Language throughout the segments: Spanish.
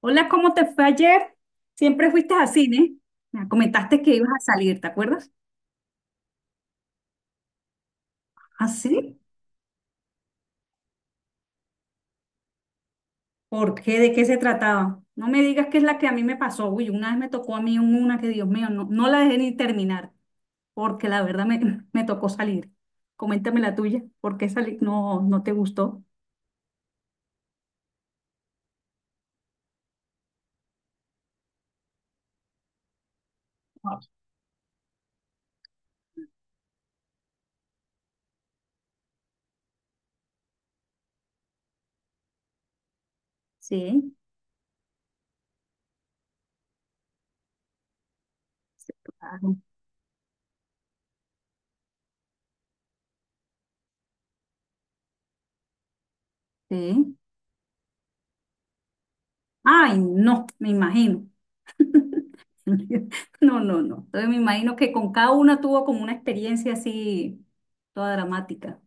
Hola, ¿cómo te fue ayer? Siempre fuiste a cine. Me comentaste que ibas a salir, ¿te acuerdas? ¿Ah, sí? ¿Por qué? ¿De qué se trataba? No me digas que es la que a mí me pasó. Uy, una vez me tocó a mí una que, Dios mío, no, no la dejé ni terminar, porque la verdad me tocó salir. Coméntame la tuya. ¿Por qué salir? No, no te gustó. Ah. Sí, sí, claro, sí. Ay, no, me imagino. No, no, no. Entonces me imagino que con cada una tuvo como una experiencia así, toda dramática.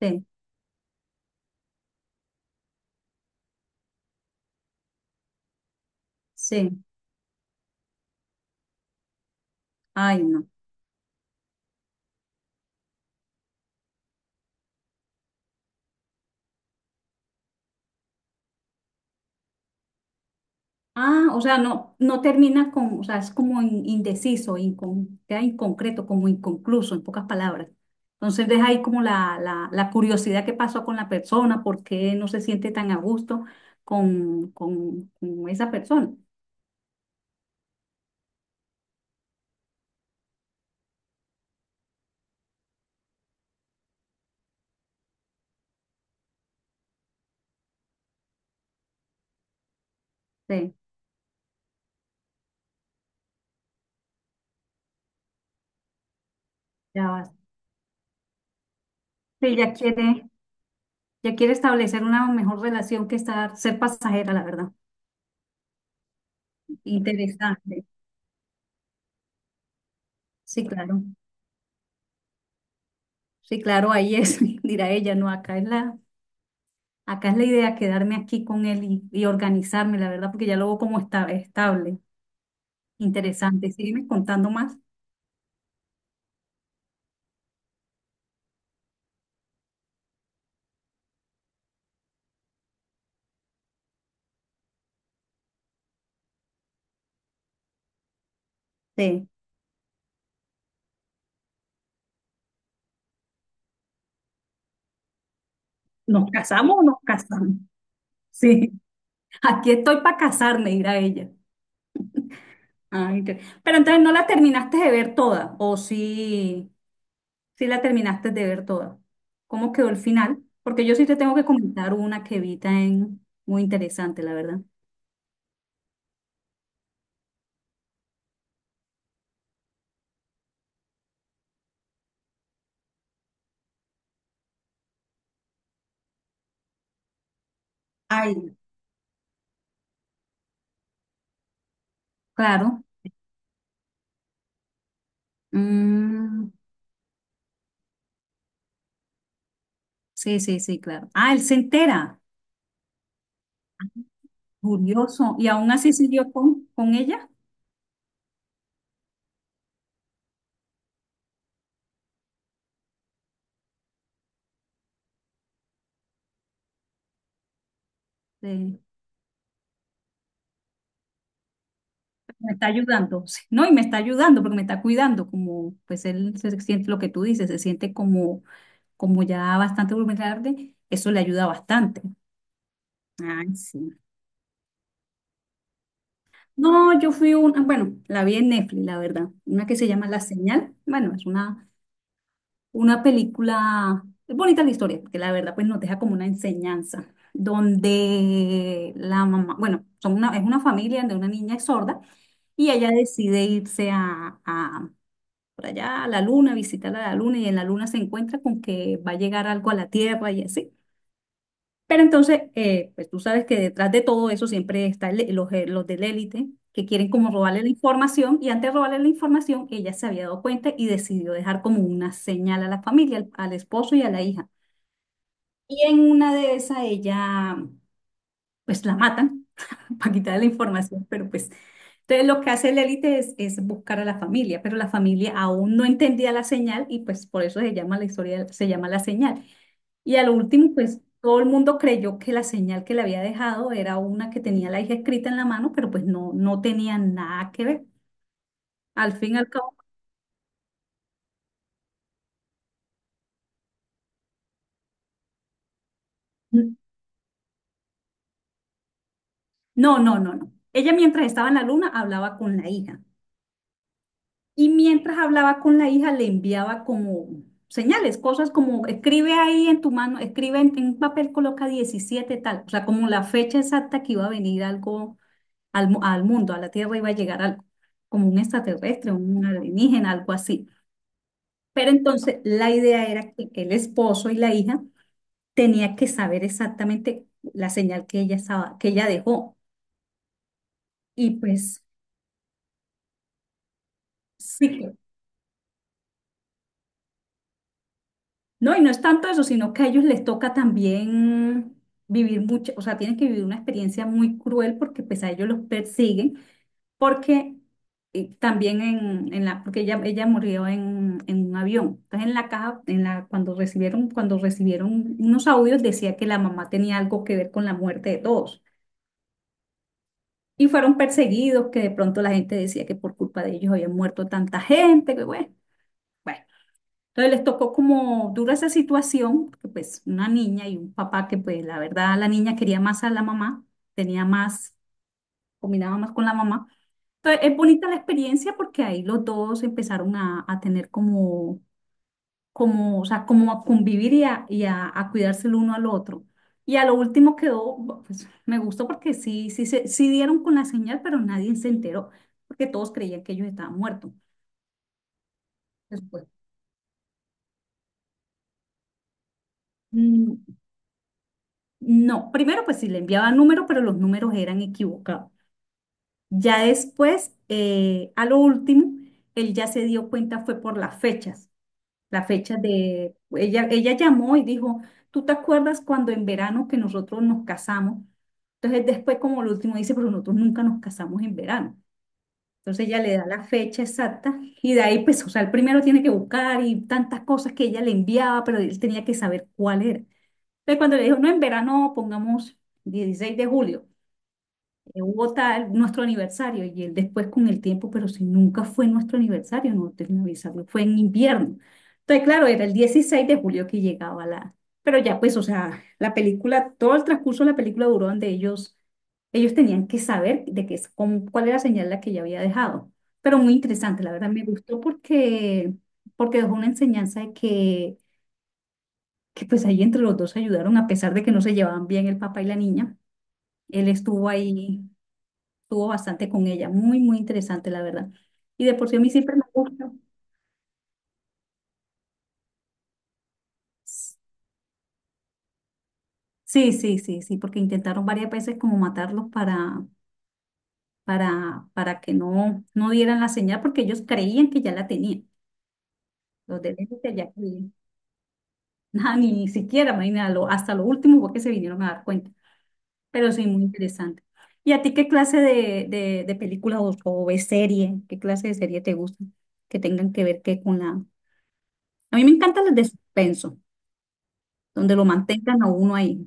Sí, sí, ay no. Ah, o sea, no, no termina o sea, es como indeciso, queda inconcreto, como inconcluso, en pocas palabras. Entonces deja ahí como la curiosidad que pasó con la persona, por qué no se siente tan a gusto con esa persona. Sí, ya va. Sí, ya quiere establecer una mejor relación que estar, ser pasajera, la verdad. Interesante. Sí, claro. Sí, claro, ahí es, dirá ella, no, acá es la. Acá es la idea quedarme aquí con él y organizarme, la verdad, porque ya lo veo como está, estable. Interesante. Sígueme contando más. Sí. ¿Nos casamos o nos casamos? Sí. Aquí estoy para casarme, dirá ella. Ah, Pero entonces no la terminaste de ver toda, o sí, sí la terminaste de ver toda. ¿Cómo quedó el final? Porque yo sí te tengo que comentar una que vi en muy interesante, la verdad. Ay. Claro. Mm, sí, sí, sí, claro. Ah, él se entera. Curioso. Y aún así siguió con ella. eh, Me está ayudando, sí, ¿no? Y me está ayudando porque me está cuidando, como pues él se siente lo que tú dices, se siente como, como ya bastante vulnerable. Eso le ayuda bastante. Ay, sí. No, yo fui una, bueno, la vi en Netflix, la verdad. Una que se llama La Señal. Bueno, es una. Una película, es bonita la historia, que la verdad pues nos deja como una enseñanza, donde la mamá, bueno, son una, es una familia de una niña sorda y ella decide irse por allá a la luna, visitar a la luna y en la luna se encuentra con que va a llegar algo a la Tierra y así. Pero entonces, pues tú sabes que detrás de todo eso siempre están los del la élite que quieren como robarle la información y antes de robarle la información, ella se había dado cuenta y decidió dejar como una señal a la familia, al esposo y a la hija. Y en una de esas ella, pues la matan para quitarle la información, pero pues... Entonces lo que hace el élite es buscar a la familia, pero la familia aún no entendía la señal y pues por eso se llama la historia, se llama la señal. Y a lo último, pues todo el mundo creyó que la señal que le había dejado era una que tenía la hija escrita en la mano, pero pues no, no tenía nada que ver. Al fin y al cabo, n- no, no, no, no. Ella mientras estaba en la luna hablaba con la hija y mientras hablaba con la hija le enviaba como señales, cosas como escribe ahí en tu mano, escribe en un papel, coloca 17 tal, o sea, como la fecha exacta que iba a venir algo al mundo, a la Tierra iba a llegar algo, como un extraterrestre, un alienígena, algo así. Pero entonces la idea era que el esposo y la hija tenía que saber exactamente la señal que ella estaba, que ella dejó. Y pues sí, no, y no es tanto eso, sino que a ellos les toca también vivir mucho, o sea, tienen que vivir una experiencia muy cruel porque pues a ellos los persiguen, porque también porque ella murió en un avión. Entonces en la caja, en la, cuando recibieron unos audios decía que la mamá tenía algo que ver con la muerte de todos. Y fueron perseguidos, que de pronto la gente decía que por culpa de ellos había muerto tanta gente, que bueno, bueno. Entonces les tocó como dura esa situación, porque pues una niña y un papá que pues la verdad la niña quería más a la mamá, tenía más, combinaba más con la mamá. Entonces es bonita la experiencia porque ahí los dos empezaron a tener como como, o sea, como a convivir a cuidarse el uno al otro. Y a lo último quedó, pues me gustó porque sí, sí dieron con la señal, pero nadie se enteró, porque todos creían que ellos estaban muertos. Después, mm, no, primero pues sí le enviaba números, pero los números eran equivocados. Ya después, a lo último, él ya se dio cuenta fue por las fechas. La fecha de, ella llamó y dijo, ¿tú te acuerdas cuando en verano que nosotros nos casamos? Entonces después como lo último dice, pero nosotros nunca nos casamos en verano. Entonces ella le da la fecha exacta y de ahí pues, o sea, el primero tiene que buscar y tantas cosas que ella le enviaba, pero él tenía que saber cuál era. Entonces cuando le dijo, no, en verano pongamos 16 de julio, hubo tal, nuestro aniversario y él después con el tiempo, pero si nunca fue nuestro aniversario, no te avisarlo, fue en invierno. Entonces, claro, era el 16 de julio que llegaba la, pero ya pues, o sea, la película, todo el transcurso de la película duró donde ellos tenían que saber de qué, cuál era la señal la que ella había dejado. Pero muy interesante, la verdad me gustó porque, porque dejó una enseñanza de que pues ahí entre los dos se ayudaron, a pesar de que no se llevaban bien el papá y la niña. Él estuvo ahí estuvo bastante con ella, muy, muy interesante, la verdad. Y de por sí a mí siempre me gusta. Sí, sí, sí, sí, porque intentaron varias veces como matarlos para que no, no dieran la señal, porque ellos creían que ya la tenían. Los de Lente ya creían. Nada, ni siquiera, imagínate, hasta lo último fue que se vinieron a dar cuenta. Pero sí, muy interesante. ¿Y a ti qué clase de películas o de serie, qué clase de serie te gusta? Que tengan que ver que con la... A mí me encantan las de suspenso, donde lo mantengan a uno ahí.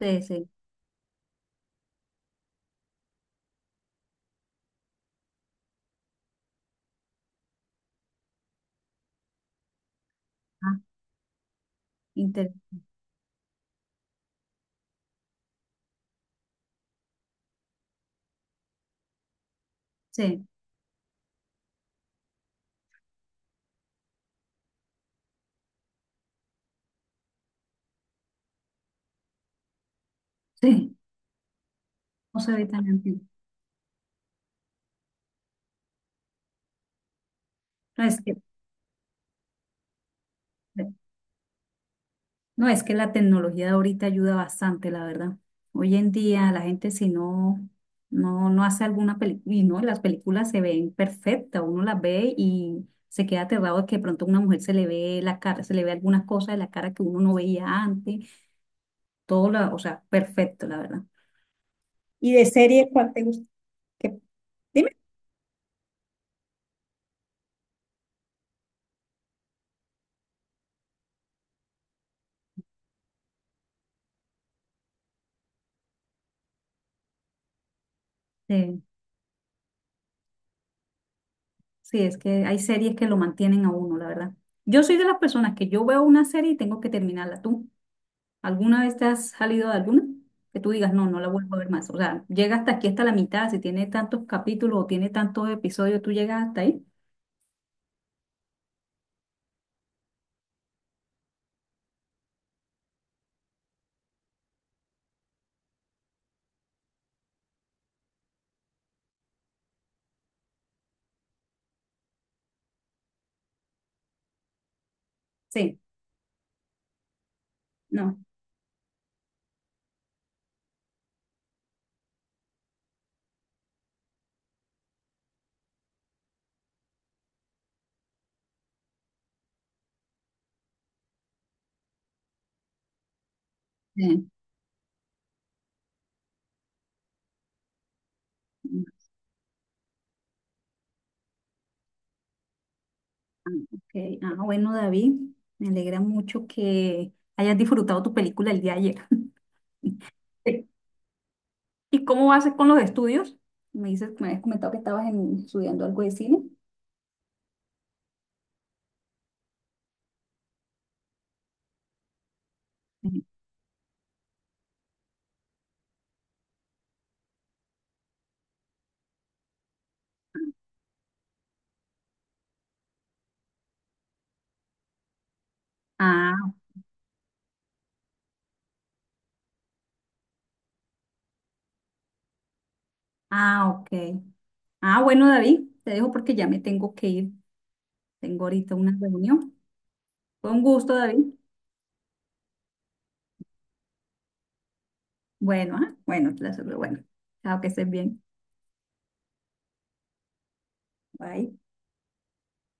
Sí, sí. Ah, inter- Sí, sí. No se ve tan antiguo. No es que, no, es que la tecnología de ahorita ayuda bastante, la verdad. Hoy en día la gente si no, no, no hace alguna película, y no, las películas se ven perfectas, uno las ve y se queda aterrado de que de pronto a una mujer se le ve la cara, se le ve algunas cosas de la cara que uno no veía antes, todo, la, o sea, perfecto, la verdad. ¿Y de serie cuál te gusta? ¿Qué? Dime. Sí. Sí, es que hay series que lo mantienen a uno, la verdad. Yo soy de las personas que yo veo una serie y tengo que terminarla. ¿Tú alguna vez te has salido de alguna? Que tú digas, no, no la vuelvo a ver más. O sea, llega hasta aquí, hasta la mitad. Si tiene tantos capítulos o tiene tantos episodios, ¿tú llegas hasta ahí? Sí, no. Sí. Ah, ok. Ah, bueno, David, me alegra mucho que hayas disfrutado tu película el día de ayer. Sí. ¿Y cómo vas con los estudios? Me dices, me habías comentado que estabas estudiando algo de cine. Sí. Ah, ah, ok. Ah, bueno, David, te dejo porque ya me tengo que ir. Tengo ahorita una reunión. Fue un gusto, David. Bueno, ah, bueno, bueno. Chao, que estés bien. Bye.